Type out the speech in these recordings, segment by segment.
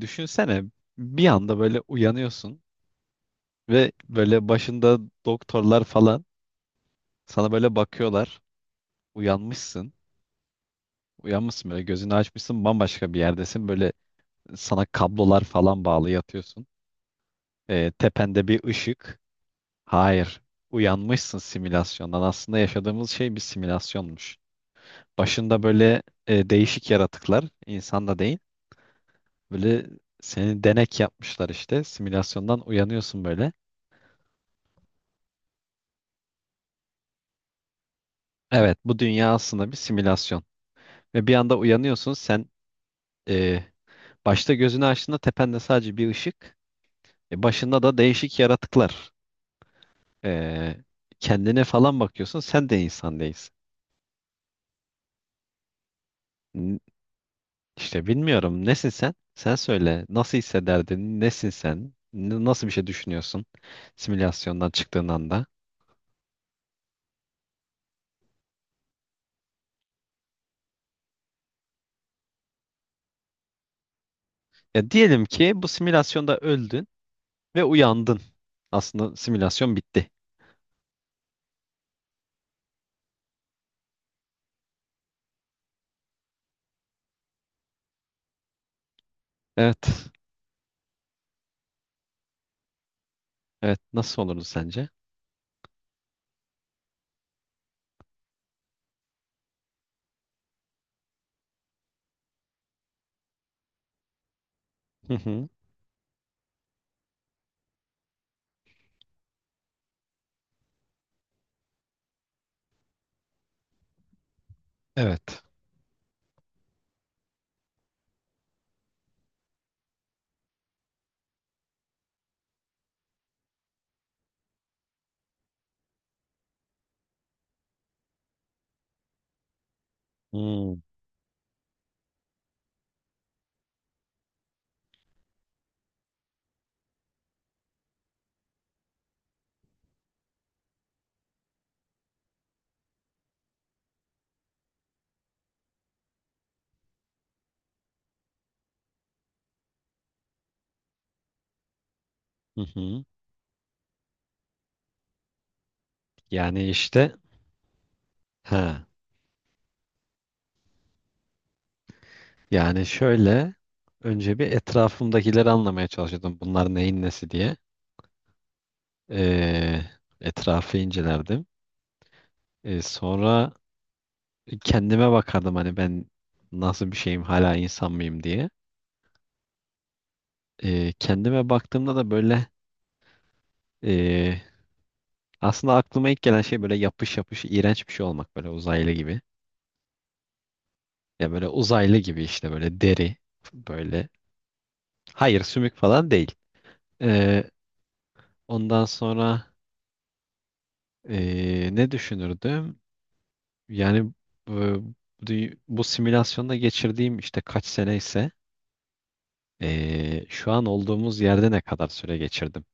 Düşünsene bir anda böyle uyanıyorsun ve böyle başında doktorlar falan sana böyle bakıyorlar. Uyanmışsın. Uyanmışsın böyle gözünü açmışsın bambaşka bir yerdesin. Böyle sana kablolar falan bağlı yatıyorsun. Tepende bir ışık. Hayır. Uyanmışsın simülasyondan. Aslında yaşadığımız şey bir simülasyonmuş. Başında böyle değişik yaratıklar, insan da değil. Böyle seni denek yapmışlar işte. Simülasyondan uyanıyorsun böyle. Evet, bu dünya aslında bir simülasyon. Ve bir anda uyanıyorsun sen. e, Başta gözünü açtığında tepende sadece bir ışık. Başında da değişik yaratıklar. E, Kendine falan bakıyorsun, sen de insan değilsin. N- İşte bilmiyorum, nesin sen? Sen söyle, nasıl hissederdin? Nesin sen? Nasıl bir şey düşünüyorsun simülasyondan çıktığın anda? Ya diyelim ki bu simülasyonda öldün ve uyandın. Aslında simülasyon bitti. Evet. Evet. Nasıl olurdu sence? Hı hı. Evet. Hmm. Hı hı. Yani işte ha, yani şöyle, önce bir etrafımdakileri anlamaya çalışıyordum. Bunlar neyin nesi diye. Ee, Etrafı incelerdim. Sonra kendime bakardım, hani ben nasıl bir şeyim, hala insan mıyım diye. Kendime baktığımda da böyle ee, aslında aklıma ilk gelen şey böyle yapış yapış iğrenç bir şey olmak, böyle uzaylı gibi. Ya böyle uzaylı gibi işte, böyle deri böyle. Hayır, sümük falan değil. Ee, ondan sonra Ne düşünürdüm? Yani e, bu, bu simülasyonda geçirdiğim işte kaç sene ise, şu an olduğumuz yerde ne kadar süre geçirdim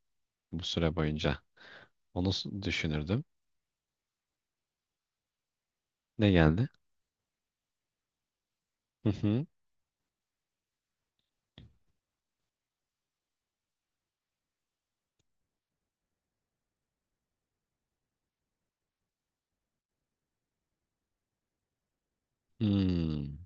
bu süre boyunca? Onu düşünürdüm. Ne geldi? Hı hı. Hmm,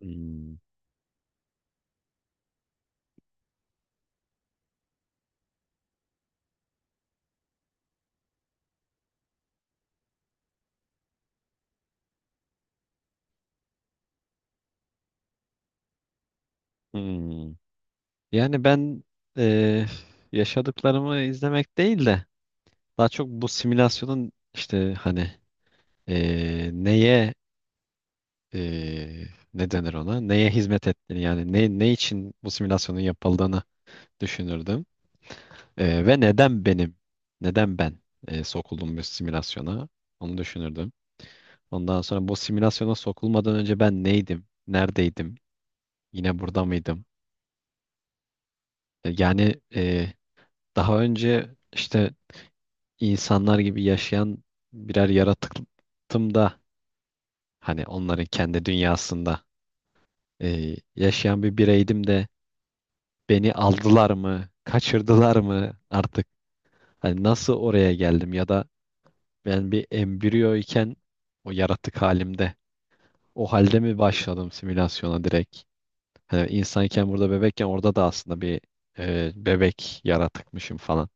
hmm, hmm. Yani ben e, yaşadıklarımı izlemek değil de, daha çok bu simülasyonun işte, hani neye eee, ne denir ona? Neye hizmet ettiğini, yani ne, ne için bu simülasyonun yapıldığını düşünürdüm. Ve neden benim, neden ben sokuldum bu simülasyona, onu düşünürdüm. Ondan sonra bu simülasyona sokulmadan önce ben neydim, neredeydim, yine burada mıydım? Yani daha önce işte insanlar gibi yaşayan birer yaratıktım da hani onların kendi dünyasında yaşayan bir bireydim de. Beni aldılar mı? Kaçırdılar mı artık? Hani nasıl oraya geldim, ya da ben bir embriyo iken, o yaratık halimde, o halde mi başladım simülasyona direkt? Hani insanken burada bebekken orada da aslında bir bebek yaratıkmışım falan.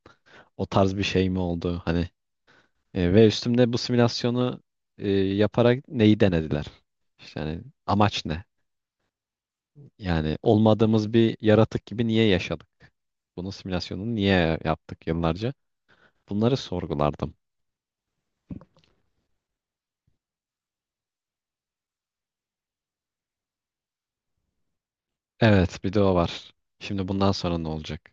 O tarz bir şey mi oldu? Hani ve üstümde bu simülasyonu yaparak neyi denediler? İşte hani amaç ne? Yani olmadığımız bir yaratık gibi niye yaşadık? Bunun simülasyonunu niye yaptık yıllarca? Bunları sorgulardım. Evet, bir de o var. Şimdi bundan sonra ne olacak?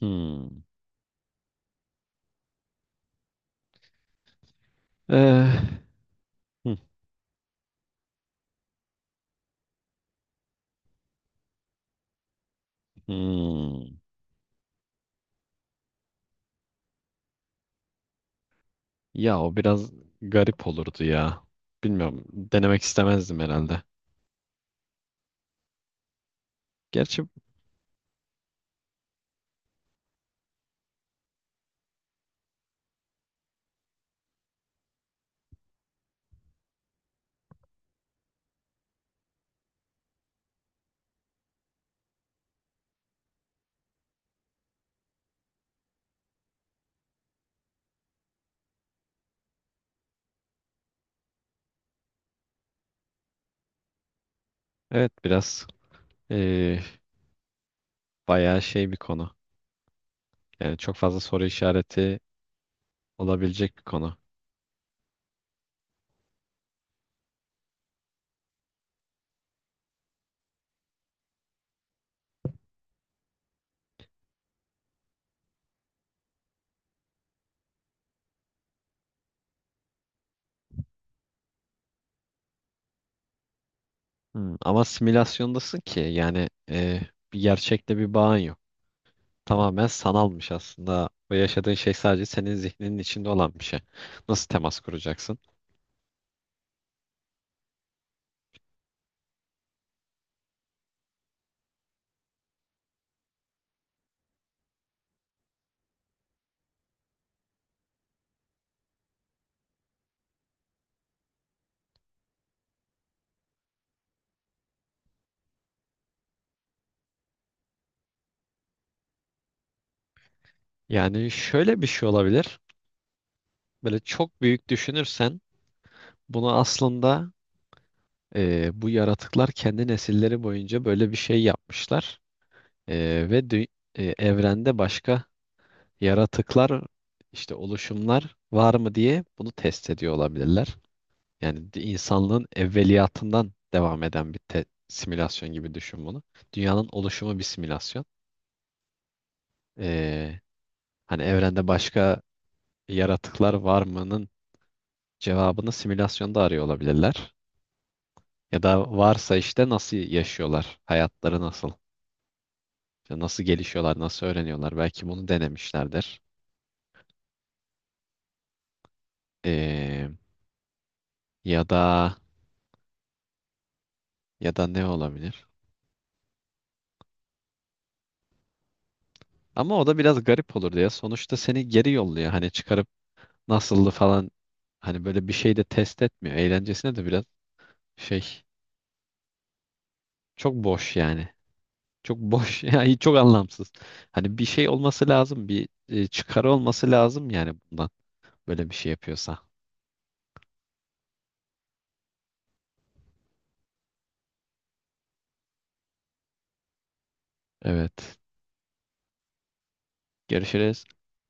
Hmm. Ee, hmm, hmm. Ya o biraz garip olurdu ya. Bilmiyorum. Denemek istemezdim herhalde. Gerçi evet, biraz ee, bayağı şey bir konu. Yani çok fazla soru işareti olabilecek bir konu. Hmm. Ama simülasyondasın ki, yani bir gerçekte bir bağın yok. Tamamen sanalmış aslında. Ve yaşadığın şey sadece senin zihninin içinde olan bir şey. Nasıl temas kuracaksın? Yani şöyle bir şey olabilir. Böyle çok büyük düşünürsen, bunu aslında bu yaratıklar kendi nesilleri boyunca böyle bir şey yapmışlar. E, ve dü- Evrende başka yaratıklar, işte oluşumlar var mı diye bunu test ediyor olabilirler. Yani insanlığın evveliyatından devam eden bir simülasyon gibi düşün bunu. Dünyanın oluşumu bir simülasyon. Ee, Hani evrende başka yaratıklar var mı'nın cevabını simülasyonda arıyor olabilirler. Ya da varsa işte nasıl yaşıyorlar, hayatları nasıl, işte nasıl gelişiyorlar, nasıl öğreniyorlar. Belki bunu denemişlerdir. Ee, Ya da, ya da ne olabilir? Ama o da biraz garip olur diye. Sonuçta seni geri yolluyor. Hani çıkarıp nasıldı falan. Hani böyle bir şey de test etmiyor. Eğlencesine de biraz şey, çok boş yani. Çok boş yani çok anlamsız. Hani bir şey olması lazım, bir çıkarı olması lazım yani bundan, böyle bir şey yapıyorsa. Evet. Görüşürüz.